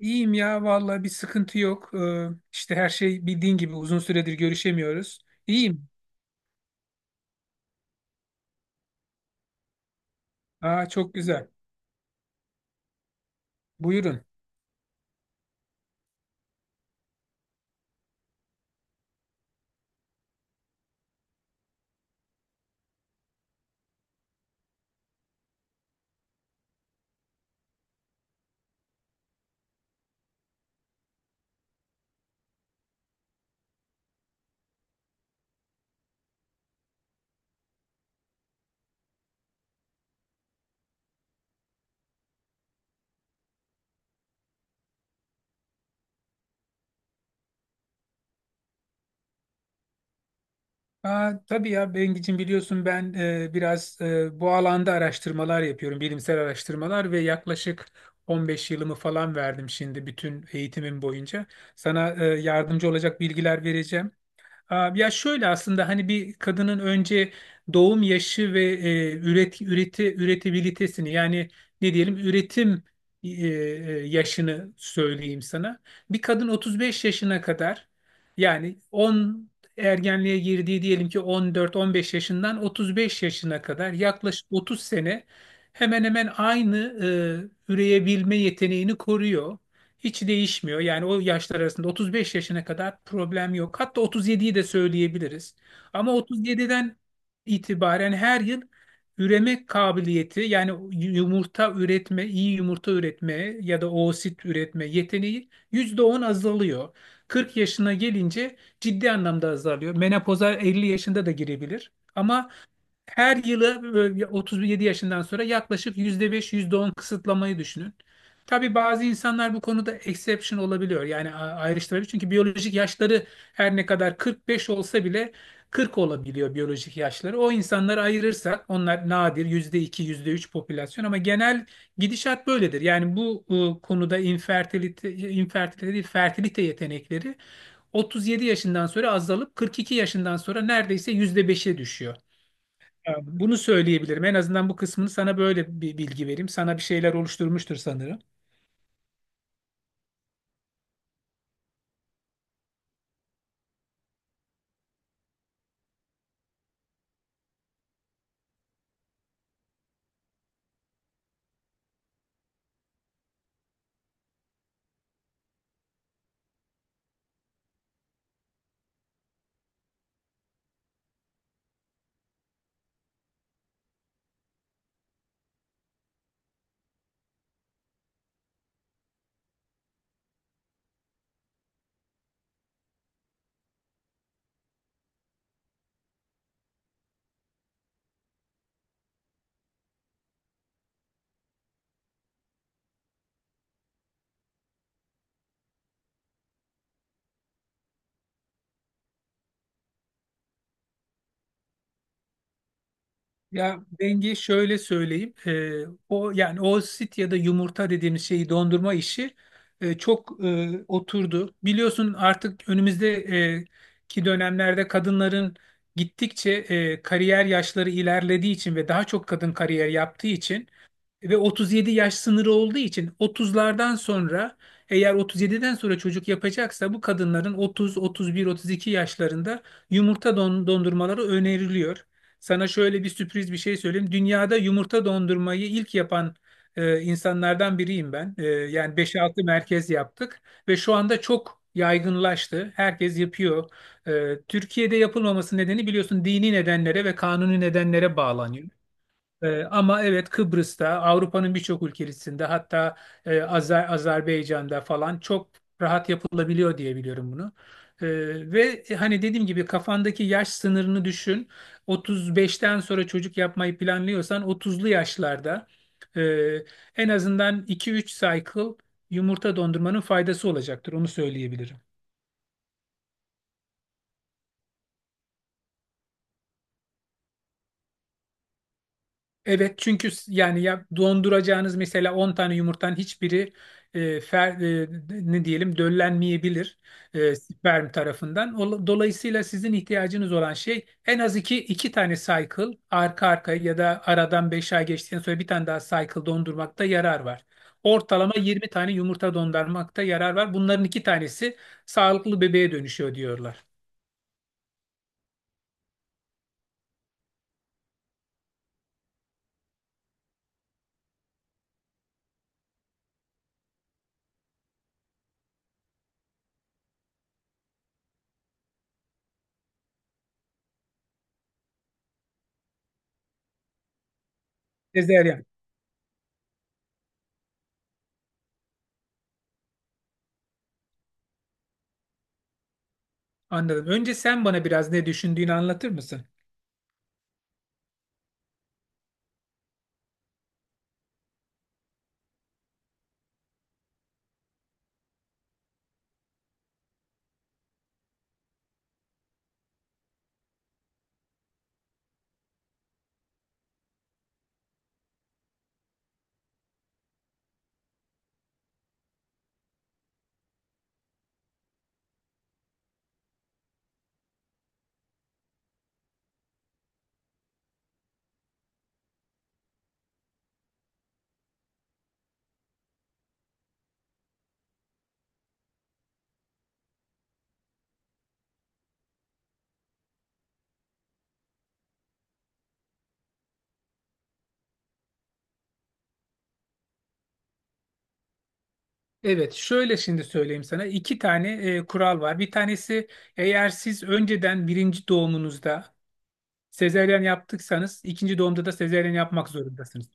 İyiyim ya vallahi bir sıkıntı yok. İşte her şey bildiğin gibi uzun süredir görüşemiyoruz. İyiyim. Aa, çok güzel. Buyurun. Aa, tabii ya Bengicim, biliyorsun ben biraz bu alanda araştırmalar yapıyorum. Bilimsel araştırmalar, ve yaklaşık 15 yılımı falan verdim şimdi, bütün eğitimim boyunca. Sana yardımcı olacak bilgiler vereceğim. Aa, ya şöyle, aslında hani bir kadının önce doğum yaşı ve üretebilitesini, yani ne diyelim, üretim yaşını söyleyeyim sana. Bir kadın 35 yaşına kadar, yani ergenliğe girdiği, diyelim ki 14-15 yaşından 35 yaşına kadar, yaklaşık 30 sene hemen hemen aynı üreyebilme yeteneğini koruyor. Hiç değişmiyor. Yani o yaşlar arasında, 35 yaşına kadar problem yok. Hatta 37'yi de söyleyebiliriz. Ama 37'den itibaren her yıl üreme kabiliyeti, yani yumurta üretme, iyi yumurta üretme ya da oosit üretme yeteneği %10 azalıyor. 40 yaşına gelince ciddi anlamda azalıyor. Menopoza 50 yaşında da girebilir. Ama her yılı böyle 37 yaşından sonra yaklaşık %5, %10 kısıtlamayı düşünün. Tabii bazı insanlar bu konuda exception olabiliyor. Yani ayrıştırabilir. Çünkü biyolojik yaşları her ne kadar 45 olsa bile 40 olabiliyor biyolojik yaşları. O insanları ayırırsak, onlar nadir, %2, %3 popülasyon, ama genel gidişat böyledir. Yani bu konuda infertilite, infertilite değil, fertilite yetenekleri 37 yaşından sonra azalıp 42 yaşından sonra neredeyse %5'e düşüyor. Ya, bunu söyleyebilirim. En azından bu kısmını, sana böyle bir bilgi vereyim. Sana bir şeyler oluşturmuştur sanırım. Ya denge şöyle söyleyeyim. O, yani o sit ya da yumurta dediğimiz şeyi dondurma işi çok oturdu. Biliyorsun, artık önümüzdeki dönemlerde kadınların gittikçe kariyer yaşları ilerlediği için ve daha çok kadın kariyer yaptığı için ve 37 yaş sınırı olduğu için, 30'lardan sonra, eğer 37'den sonra çocuk yapacaksa bu kadınların 30, 31, 32 yaşlarında yumurta dondurmaları öneriliyor. Sana şöyle bir sürpriz bir şey söyleyeyim. Dünyada yumurta dondurmayı ilk yapan insanlardan biriyim ben. Yani 5-6 merkez yaptık ve şu anda çok yaygınlaştı. Herkes yapıyor. Türkiye'de yapılmaması nedeni, biliyorsun, dini nedenlere ve kanuni nedenlere bağlanıyor. Ama evet, Kıbrıs'ta, Avrupa'nın birçok ülkesinde, hatta Azerbaycan'da falan çok rahat yapılabiliyor diye biliyorum bunu. Ve hani, dediğim gibi, kafandaki yaş sınırını düşün. 35'ten sonra çocuk yapmayı planlıyorsan, 30'lu yaşlarda e, en azından iki üç cycle yumurta dondurmanın faydası olacaktır. Onu söyleyebilirim. Evet, çünkü yani ya, donduracağınız mesela 10 tane yumurtanın hiçbiri ne diyelim, döllenmeyebilir sperm tarafından. Dolayısıyla sizin ihtiyacınız olan şey, en az iki, iki tane cycle arka arkaya ya da aradan 5 ay geçtikten sonra bir tane daha cycle dondurmakta yarar var. Ortalama 20 tane yumurta dondurmakta yarar var. Bunların iki tanesi sağlıklı bebeğe dönüşüyor diyorlar. Sezeryan. Anladım. Önce sen bana biraz ne düşündüğünü anlatır mısın? Evet, şöyle şimdi söyleyeyim sana. İki tane kural var. Bir tanesi: eğer siz önceden birinci doğumunuzda sezeryen yaptıysanız, ikinci doğumda da sezeryen yapmak zorundasınız.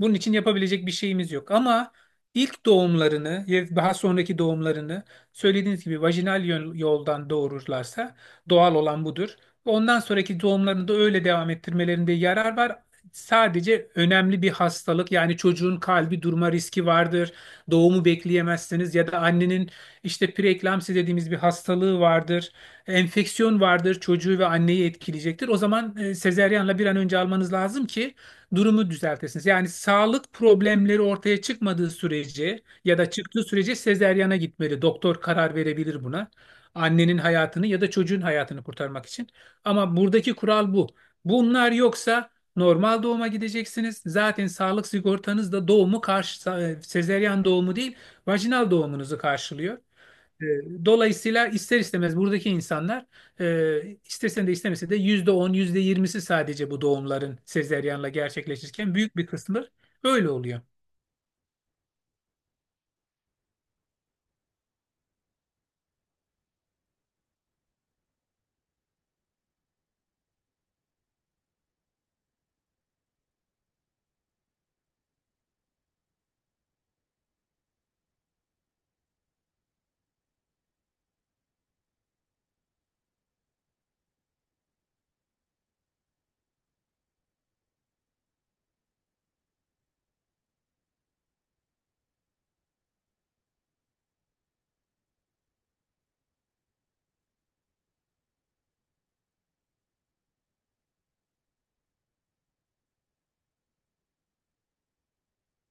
Bunun için yapabilecek bir şeyimiz yok. Ama ilk doğumlarını ya daha sonraki doğumlarını, söylediğiniz gibi, vajinal yoldan doğururlarsa, doğal olan budur. Ve ondan sonraki doğumlarını da öyle devam ettirmelerinde yarar var. Sadece önemli bir hastalık, yani çocuğun kalbi durma riski vardır. Doğumu bekleyemezsiniz, ya da annenin işte preeklamsi dediğimiz bir hastalığı vardır, enfeksiyon vardır, çocuğu ve anneyi etkileyecektir. O zaman sezeryanla bir an önce almanız lazım ki durumu düzeltesiniz. Yani sağlık problemleri ortaya çıkmadığı sürece ya da çıktığı sürece sezeryana gitmeli. Doktor karar verebilir buna, annenin hayatını ya da çocuğun hayatını kurtarmak için. Ama buradaki kural bu. Bunlar yoksa normal doğuma gideceksiniz. Zaten sağlık sigortanız da doğumu karşı, sezeryan doğumu değil, vajinal doğumunuzu karşılıyor. E, Dolayısıyla ister istemez buradaki insanlar, istesen de istemese de %10, %20'si sadece bu doğumların sezeryanla gerçekleşirken büyük bir kısmı öyle oluyor.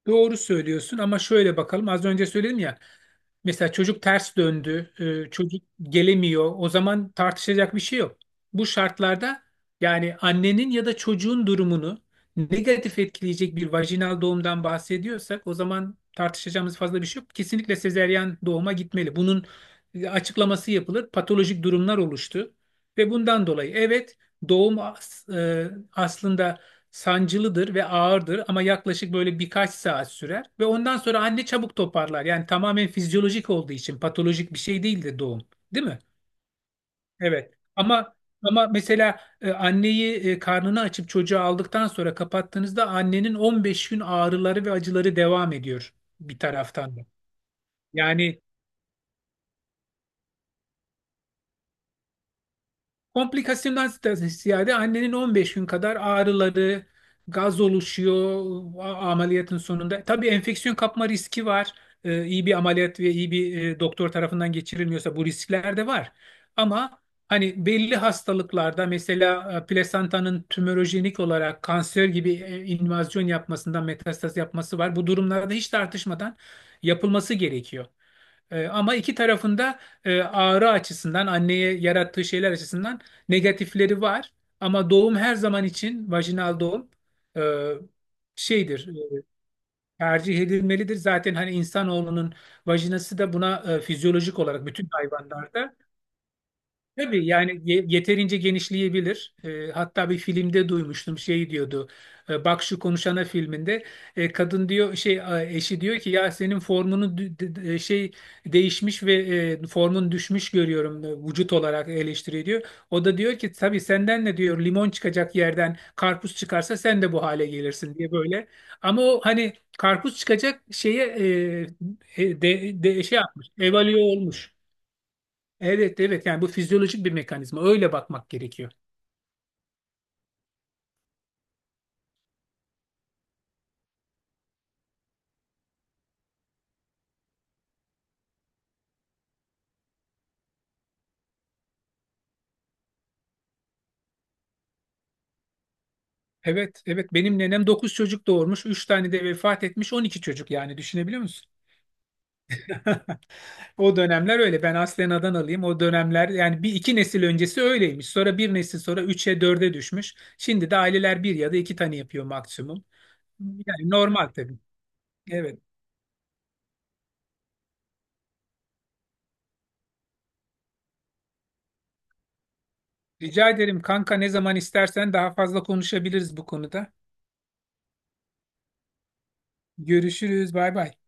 Doğru söylüyorsun, ama şöyle bakalım. Az önce söyledim ya. Mesela çocuk ters döndü, çocuk gelemiyor. O zaman tartışacak bir şey yok. Bu şartlarda, yani annenin ya da çocuğun durumunu negatif etkileyecek bir vajinal doğumdan bahsediyorsak, o zaman tartışacağımız fazla bir şey yok. Kesinlikle sezeryan doğuma gitmeli. Bunun açıklaması yapılır. Patolojik durumlar oluştu ve bundan dolayı, evet, doğum aslında sancılıdır ve ağırdır, ama yaklaşık böyle birkaç saat sürer ve ondan sonra anne çabuk toparlar. Yani tamamen fizyolojik olduğu için patolojik bir şey değildir doğum, değil mi? Evet. Ama mesela anneyi, karnını açıp çocuğu aldıktan sonra kapattığınızda annenin 15 gün ağrıları ve acıları devam ediyor, bir taraftan da. Yani komplikasyondan ziyade annenin 15 gün kadar ağrıları, gaz oluşuyor ameliyatın sonunda. Tabii enfeksiyon kapma riski var. İyi bir ameliyat ve iyi bir doktor tarafından geçirilmiyorsa bu riskler de var. Ama hani belli hastalıklarda, mesela plasentanın tümörojenik olarak kanser gibi invazyon yapmasından metastaz yapması var. Bu durumlarda hiç tartışmadan yapılması gerekiyor. Ama iki tarafında ağrı açısından, anneye yarattığı şeyler açısından negatifleri var. Ama doğum her zaman için vajinal doğum e, şeydir, e, tercih edilmelidir. Zaten hani insanoğlunun vajinası da buna fizyolojik olarak bütün hayvanlarda. Tabii, yani yeterince genişleyebilir. Hatta bir filmde duymuştum, şey diyordu. Bak Şu Konuşana filminde kadın diyor, şey, eşi diyor ki, ya senin formunu şey değişmiş ve formun düşmüş görüyorum, vücut olarak eleştiriyor diyor. O da diyor ki, tabii, senden ne diyor, limon çıkacak yerden karpuz çıkarsa sen de bu hale gelirsin diye, böyle. Ama o hani karpuz çıkacak şeye de, şey yapmış, evalüe olmuş. Evet evet, yani bu fizyolojik bir mekanizma, öyle bakmak gerekiyor. Evet evet, benim nenem 9 çocuk doğurmuş, 3 tane de vefat etmiş, 12 çocuk yani, düşünebiliyor musun? O dönemler öyle. Ben aslen Adanalıyım. O dönemler, yani bir iki nesil öncesi öyleymiş, sonra bir nesil sonra 3'e dörde düşmüş. Şimdi de aileler bir ya da iki tane yapıyor maksimum. Yani normal, tabii. Evet, rica ederim kanka, ne zaman istersen daha fazla konuşabiliriz bu konuda. Görüşürüz, bay bay.